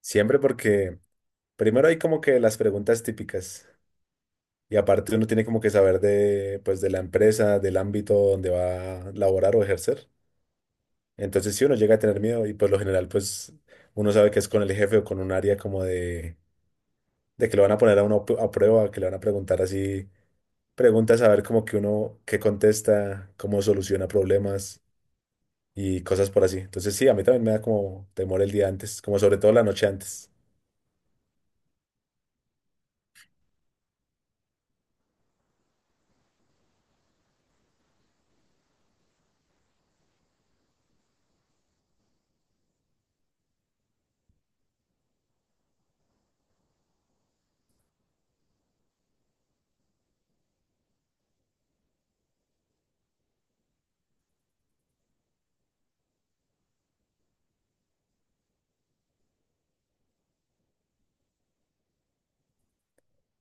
Siempre porque primero hay como que las preguntas típicas y aparte uno tiene como que saber pues, de la empresa, del ámbito donde va a laborar o ejercer. Entonces si uno llega a tener miedo y por lo general pues uno sabe que es con el jefe o con un área como de que lo van a poner a uno a prueba, que le van a preguntar así, preguntas a ver como que uno qué contesta, cómo soluciona problemas y cosas por así. Entonces sí, a mí también me da como temor el día antes, como sobre todo la noche antes.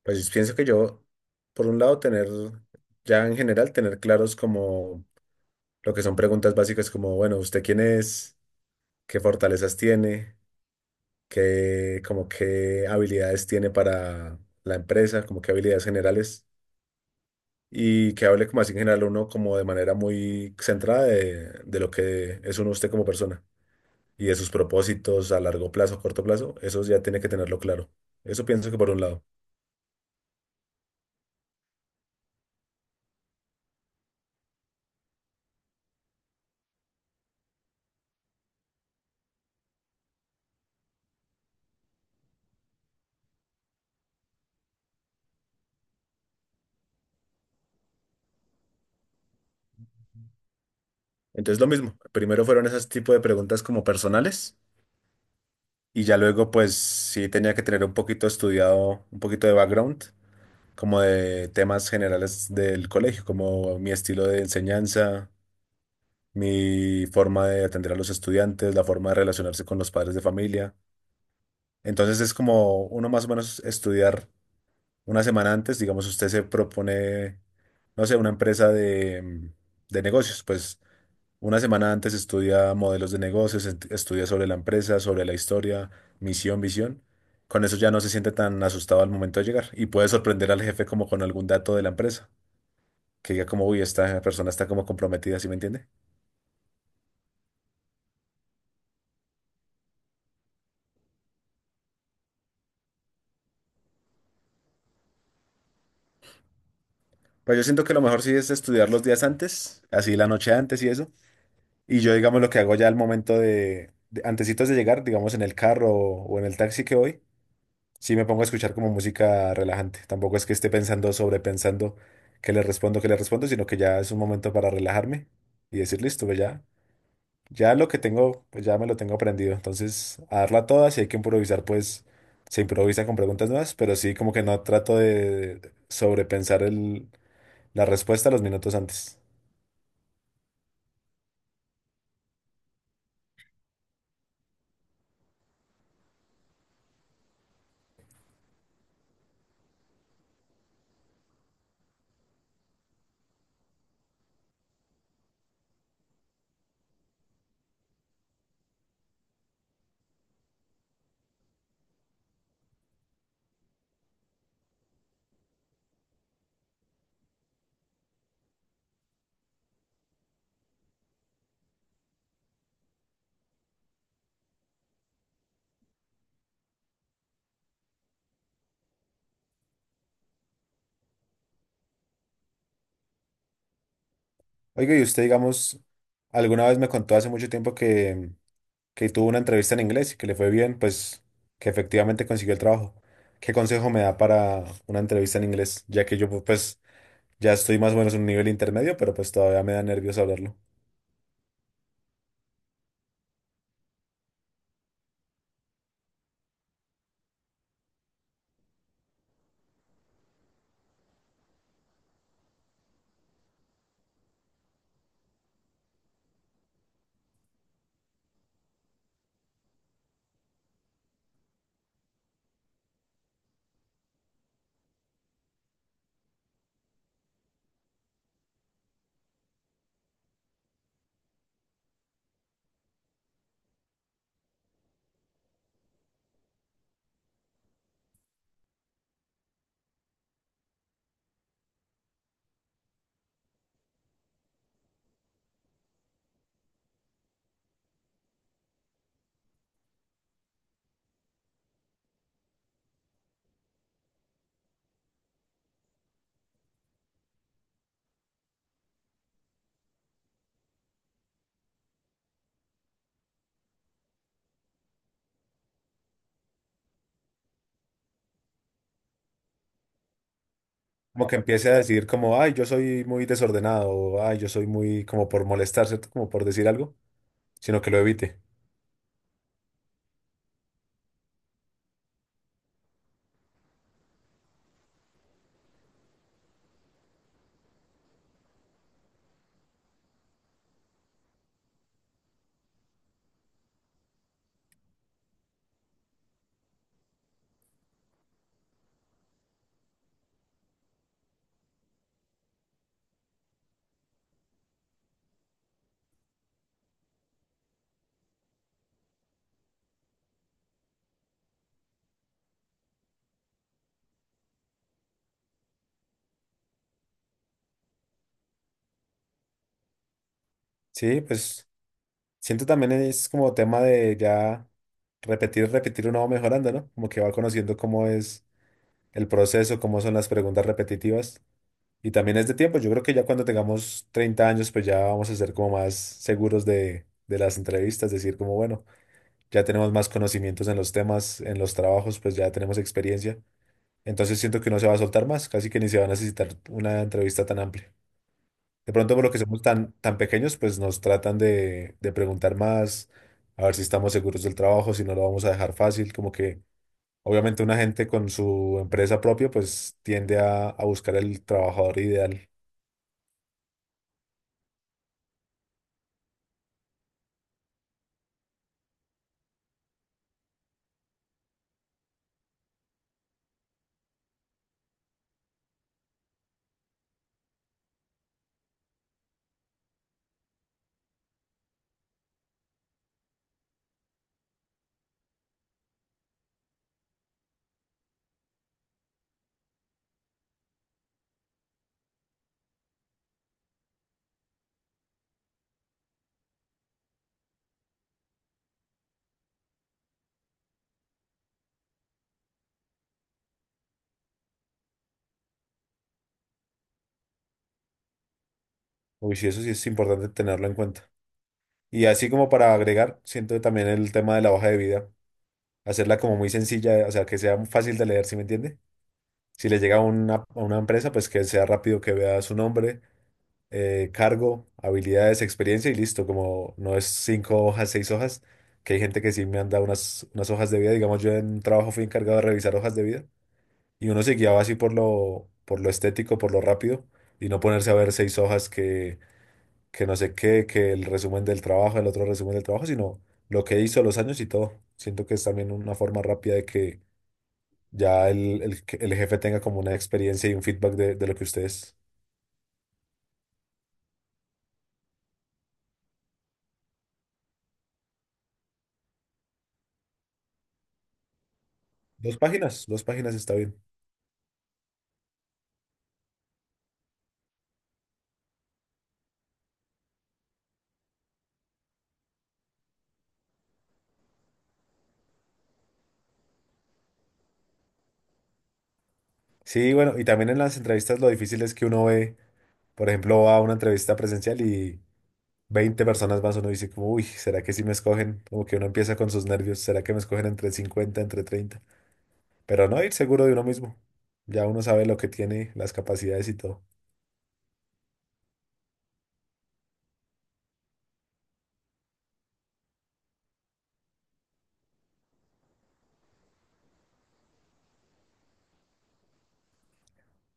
Pues pienso que yo, por un lado, tener, ya en general, tener claros como lo que son preguntas básicas como, bueno, ¿usted quién es? ¿Qué fortalezas tiene? ¿Qué, como qué habilidades tiene para la empresa? ¿Como qué habilidades generales? Y que hable como así en general uno como de manera muy centrada de lo que es uno usted como persona y de sus propósitos a largo plazo, corto plazo, eso ya tiene que tenerlo claro. Eso pienso que por un lado. Entonces lo mismo, primero fueron esas tipo de preguntas como personales. Y ya luego, pues sí tenía que tener un poquito estudiado, un poquito de background, como de temas generales del colegio, como mi estilo de enseñanza, mi forma de atender a los estudiantes, la forma de relacionarse con los padres de familia. Entonces es como uno más o menos estudiar una semana antes, digamos, usted se propone, no sé, una empresa de negocios, pues una semana antes estudia modelos de negocios, estudia sobre la empresa, sobre la historia, misión, visión. Con eso ya no se siente tan asustado al momento de llegar y puede sorprender al jefe como con algún dato de la empresa, que diga como, uy, esta persona está como comprometida, ¿sí me entiende? Pues yo siento que lo mejor sí es estudiar los días antes, así la noche antes y eso. Y yo digamos lo que hago ya al momento de antesitos de llegar, digamos en el carro o en el taxi que voy. Sí, me pongo a escuchar como música relajante. Tampoco es que esté pensando, sobrepensando que le respondo, sino que ya es un momento para relajarme y decir, listo, pues ya, ya lo que tengo, pues ya me lo tengo aprendido. Entonces, a darla toda, si hay que improvisar, pues se improvisa con preguntas nuevas, pero sí como que no trato de sobrepensar la respuesta los minutos antes. Oiga, y usted, digamos, alguna vez me contó hace mucho tiempo que tuvo una entrevista en inglés y que le fue bien, pues que efectivamente consiguió el trabajo. ¿Qué consejo me da para una entrevista en inglés? Ya que yo pues ya estoy más o menos en un nivel intermedio, pero pues todavía me da nervios hablarlo. Como que empiece a decir como, ay, yo soy muy desordenado, o ay, yo soy muy como por molestar, ¿cierto? Como por decir algo, sino que lo evite. Sí, pues siento también es como tema de ya repetir, repetir uno va mejorando, ¿no? Como que va conociendo cómo es el proceso, cómo son las preguntas repetitivas. Y también es de tiempo. Yo creo que ya cuando tengamos 30 años, pues ya vamos a ser como más seguros de las entrevistas, decir como, bueno, ya tenemos más conocimientos en los temas, en los trabajos, pues ya tenemos experiencia. Entonces siento que no se va a soltar más, casi que ni se va a necesitar una entrevista tan amplia. De pronto, por lo que somos tan, tan pequeños, pues nos tratan de preguntar más, a ver si estamos seguros del trabajo, si no lo vamos a dejar fácil, como que obviamente una gente con su empresa propia, pues tiende a buscar el trabajador ideal. Uy, sí, eso sí es importante tenerlo en cuenta. Y así como para agregar, siento también el tema de la hoja de vida, hacerla como muy sencilla, o sea, que sea fácil de leer, ¿sí me entiende? Si le llega a a una empresa, pues que sea rápido que vea su nombre, cargo, habilidades, experiencia y listo, como no es 5 hojas, 6 hojas, que hay gente que sí me han dado unas hojas de vida, digamos, yo en un trabajo fui encargado de revisar hojas de vida y uno se guiaba así por lo estético, por lo rápido y no ponerse a ver 6 hojas que no sé qué, que el resumen del trabajo, el otro resumen del trabajo, sino lo que hizo, los años y todo. Siento que es también una forma rápida de que ya que el jefe tenga como una experiencia y un feedback de lo que ustedes. Dos páginas, 2 páginas está bien. Sí, bueno, y también en las entrevistas lo difícil es que uno ve, por ejemplo, va a una entrevista presencial y 20 personas más, uno dice como, uy, ¿será que sí me escogen? Como que uno empieza con sus nervios, ¿será que me escogen entre 50 entre 30? Pero no, ir seguro de uno mismo. Ya uno sabe lo que tiene, las capacidades y todo.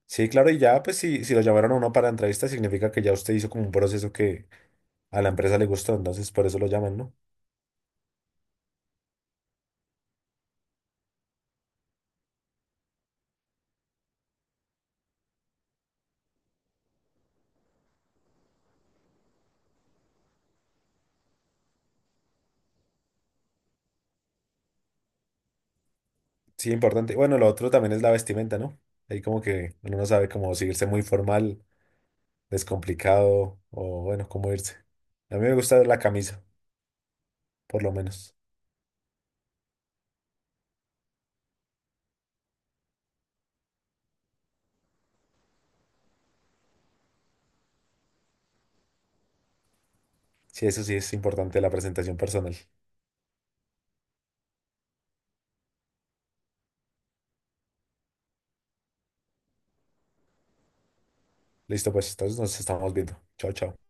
Sí, claro, y ya, pues si, si lo llamaron a uno para entrevista, significa que ya usted hizo como un proceso que a la empresa le gustó, entonces por eso lo llaman, ¿no? Sí, importante. Bueno, lo otro también es la vestimenta, ¿no? Ahí como que uno no sabe cómo, si irse muy formal, descomplicado, o bueno, cómo irse. A mí me gusta la camisa, por lo menos. Sí, eso sí es importante, la presentación personal. Listo, pues entonces nos estamos viendo. Chao, chao.